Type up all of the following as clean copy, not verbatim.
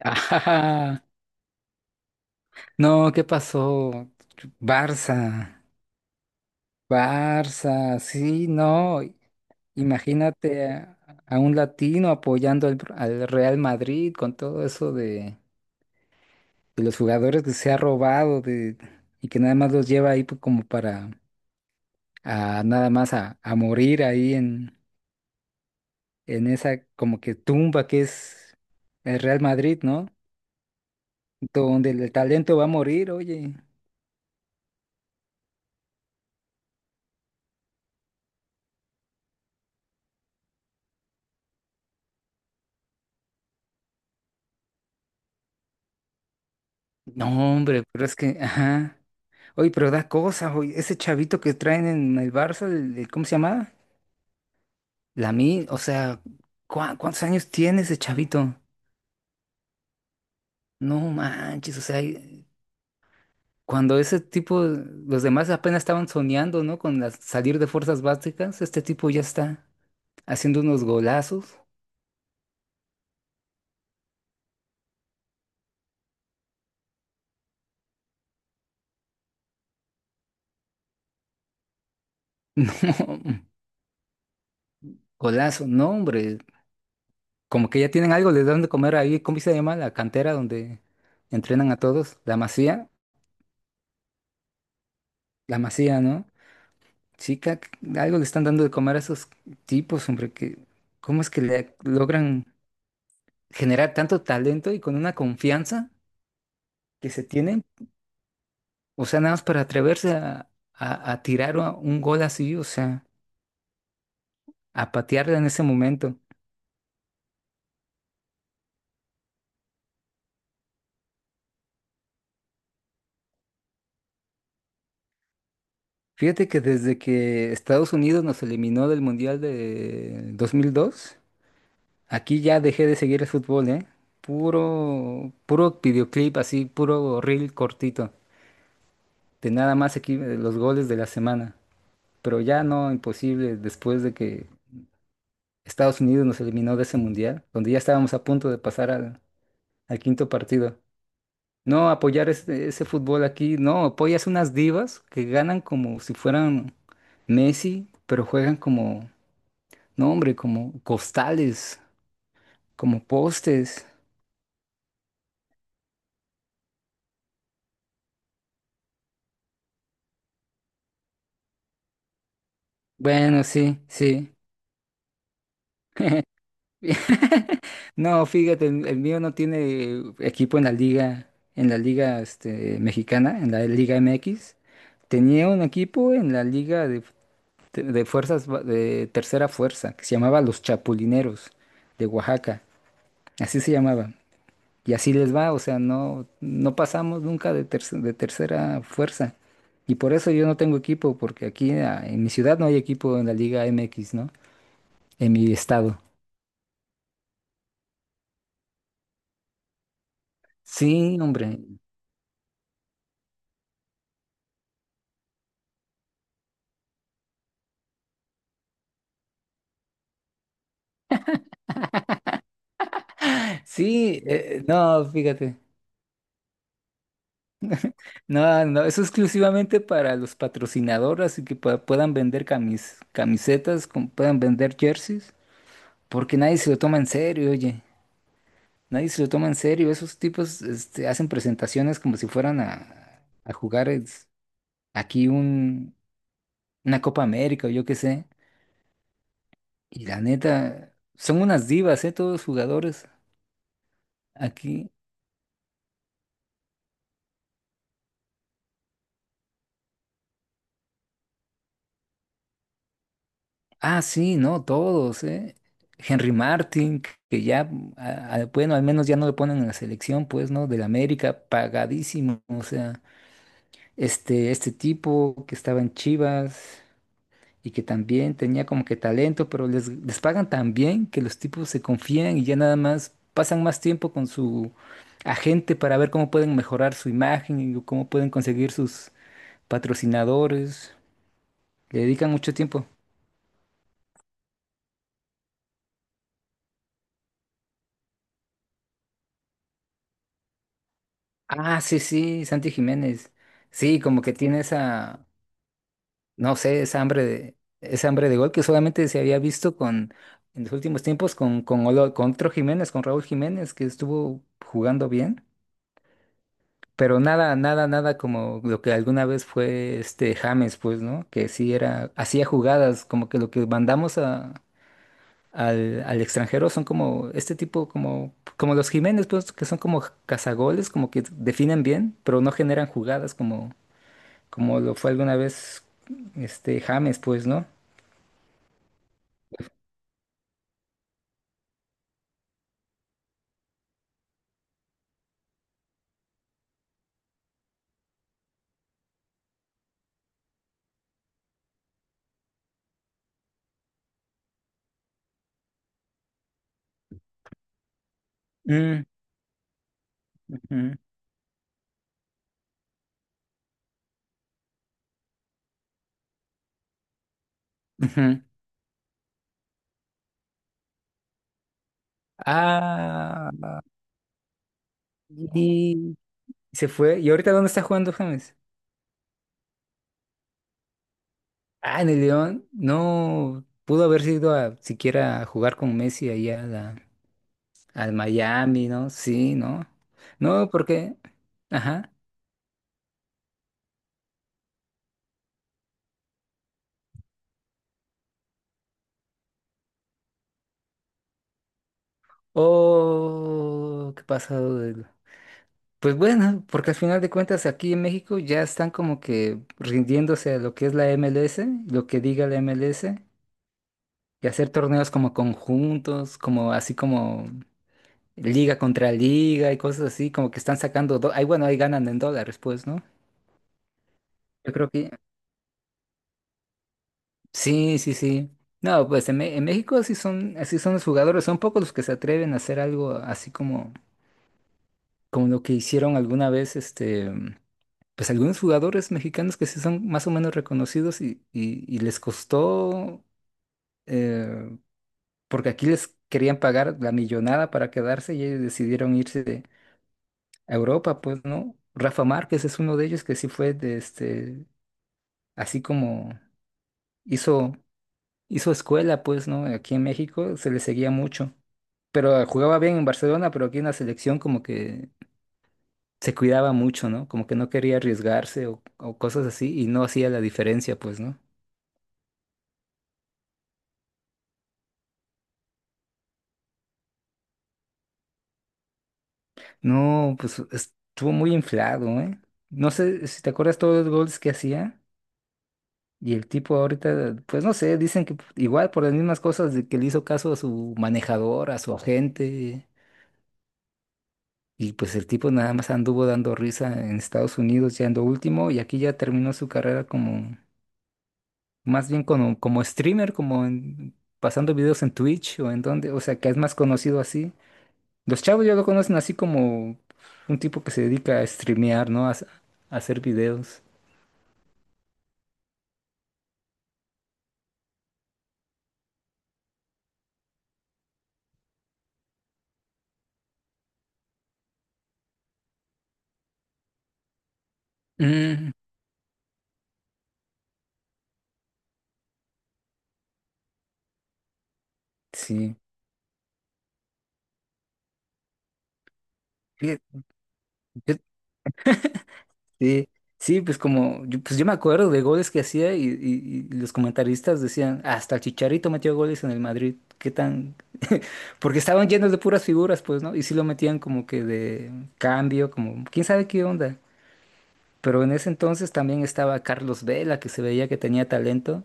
Ah, no, ¿qué pasó? Barça, Barça, sí, no. Imagínate a un latino apoyando al Real Madrid con todo eso de los jugadores que se ha robado y que nada más los lleva ahí pues, como para nada más a morir ahí en esa como que tumba que es el Real Madrid, ¿no? Donde el talento va a morir, oye. No, hombre, pero es que, ajá. Oye, pero da cosas, oye, ese chavito que traen en el Barça, ¿cómo se llama? Lamine, o sea, ¿cuántos años tiene ese chavito? No manches, o sea, cuando ese tipo, los demás apenas estaban soñando, ¿no? Con salir de fuerzas básicas, este tipo ya está haciendo unos golazos. No, golazo, no, hombre, como que ya tienen algo, les dan de comer ahí, ¿cómo se llama? La cantera donde entrenan a todos, la Masía, ¿no? Chica, algo le están dando de comer a esos tipos, hombre, que cómo es que le logran generar tanto talento y con una confianza que se tienen, o sea, nada más para atreverse a tirar un gol así, o sea, a patearla en ese momento. Fíjate que desde que Estados Unidos nos eliminó del Mundial de 2002, aquí ya dejé de seguir el fútbol, ¿eh? Puro videoclip así, puro reel cortito, de nada más aquí los goles de la semana. Pero ya no, imposible después de que Estados Unidos nos eliminó de ese mundial, donde ya estábamos a punto de pasar al quinto partido. No, apoyar ese fútbol aquí, no, apoyas unas divas que ganan como si fueran Messi, pero juegan como, no hombre, como costales, como postes. Bueno, sí, sí. No, fíjate, el mío no tiene equipo en la liga mexicana, en la Liga MX. Tenía un equipo en la liga de fuerzas de tercera fuerza, que se llamaba Los Chapulineros de Oaxaca. Así se llamaba. Y así les va, o sea, no pasamos nunca de tercera fuerza. Y por eso yo no tengo equipo, porque aquí en mi ciudad no hay equipo en la Liga MX, ¿no? En mi estado. Sí, hombre. Sí, no, fíjate. No, no, eso es exclusivamente para los patrocinadores y que puedan vender camisetas, puedan vender jerseys, porque nadie se lo toma en serio, oye. Nadie se lo toma en serio. Esos tipos, hacen presentaciones como si fueran a jugar aquí una Copa América o yo qué sé. Y la neta, son unas divas, ¿eh? Todos los jugadores aquí. Ah, sí, no, todos, ¿eh? Henry Martin, que ya, bueno, al menos ya no le ponen en la selección, pues, ¿no? Del América, pagadísimo. O sea, este tipo que estaba en Chivas y que también tenía como que talento, pero les pagan tan bien que los tipos se confían y ya nada más pasan más tiempo con su agente para ver cómo pueden mejorar su imagen y cómo pueden conseguir sus patrocinadores. Le dedican mucho tiempo. Ah, sí, sí, Santi Jiménez. Sí, como que tiene esa, no sé, esa hambre de gol que solamente se había visto en los últimos tiempos con otro Jiménez, con Raúl Jiménez, que estuvo jugando bien. Pero nada, nada, nada como lo que alguna vez fue este James, pues, ¿no? Que sí era, hacía jugadas, como que lo que mandamos al extranjero son como este tipo, como los Jiménez, pues, que son como cazagoles, como que definen bien, pero no generan jugadas como lo fue alguna vez este James, pues, ¿no? Mm, ujú, ujú. Ah, y se fue. ¿Y ahorita dónde está jugando James? Ah, en el León. No pudo haber sido a siquiera a jugar con Messi allá al Miami, ¿no? Sí, ¿no? No, porque. Ajá. Oh, qué pasado. Pues bueno, porque al final de cuentas aquí en México ya están como que rindiéndose a lo que es la MLS, lo que diga la MLS. Y hacer torneos como conjuntos, como así como liga contra liga y cosas así, como que están sacando, ahí bueno, ahí ganan en dólares, pues, ¿no? Yo creo que sí, sí, sí. No, pues en México así son los jugadores, son pocos los que se atreven a hacer algo así como, como lo que hicieron alguna vez, pues algunos jugadores mexicanos que sí son más o menos reconocidos y les costó, eh, porque aquí les querían pagar la millonada para quedarse y ellos decidieron irse a Europa, pues, ¿no? Rafa Márquez es uno de ellos que sí fue así como hizo, hizo escuela, pues, ¿no? Aquí en México se le seguía mucho. Pero jugaba bien en Barcelona, pero aquí en la selección como que se cuidaba mucho, ¿no? Como que no quería arriesgarse o cosas así y no hacía la diferencia, pues, ¿no? No, pues estuvo muy inflado, ¿eh? No sé si te acuerdas todos los goles que hacía. Y el tipo ahorita, pues no sé, dicen que igual por las mismas cosas de que le hizo caso a su manejador, a su agente, y pues el tipo nada más anduvo dando risa en Estados Unidos ya en lo último, y aquí ya terminó su carrera como, más bien como streamer, pasando videos en Twitch o en donde, o sea, que es más conocido así. Los chavos ya lo conocen así como un tipo que se dedica a streamear, ¿no? A hacer videos. Mm, sí. Fíjate. Yo. Sí, sí, pues como, pues yo me acuerdo de goles que hacía y los comentaristas decían, hasta el Chicharito metió goles en el Madrid, qué tan, porque estaban llenos de puras figuras, pues, ¿no? Y sí lo metían como que de cambio, como, quién sabe qué onda. Pero en ese entonces también estaba Carlos Vela, que se veía que tenía talento,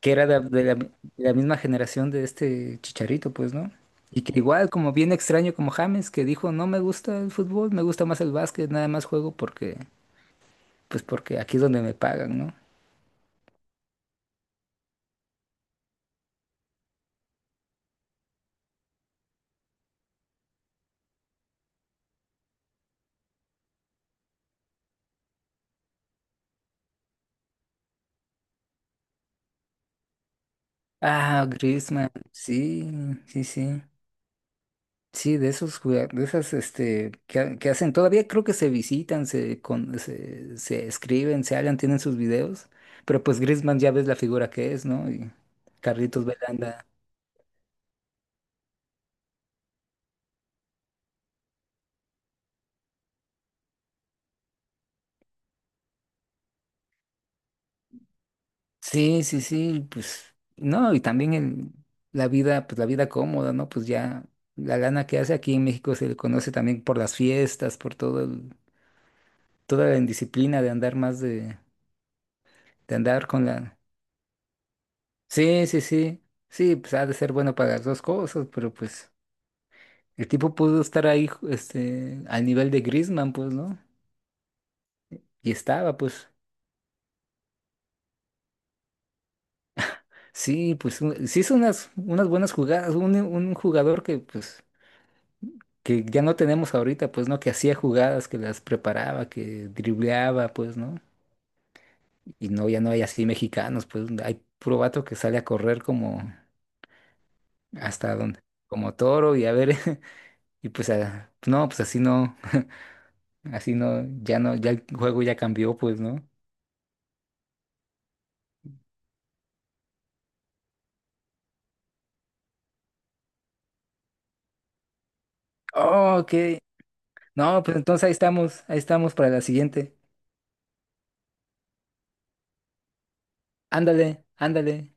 que era de la misma generación de este Chicharito, pues, ¿no? Y que igual, como bien extraño como James, que dijo, no me gusta el fútbol, me gusta más el básquet, nada más juego porque aquí es donde me pagan, ¿no? Ah, Griezmann, sí, sí, sí. Sí, de esas que, que hacen, todavía creo que se visitan, se escriben, se hablan, tienen sus videos, pero pues Griezmann ya ves la figura que es, ¿no? Y Carlitos Belanda. Sí, sí, sí, pues no, y también la vida, pues la vida cómoda, ¿no? Pues ya la lana que hace aquí en México se le conoce también por las fiestas, toda la indisciplina de andar más de andar con la. Sí, sí, sí. Sí, pues ha de ser bueno para las dos cosas, pero pues el tipo pudo estar ahí, al nivel de Griezmann, pues, ¿no? Y estaba, pues. Sí, pues sí hizo unas buenas jugadas. Un jugador que, pues, que ya no tenemos ahorita, pues, ¿no? Que hacía jugadas, que las preparaba, que dribleaba, pues, ¿no? Y no, ya no hay así mexicanos, pues, hay puro vato que sale a correr como hasta donde, como toro y a ver, y pues, no, pues así no. Así no, ya no, ya el juego ya cambió, pues, ¿no? Oh, ok. No, pues entonces ahí estamos para la siguiente. Ándale, ándale.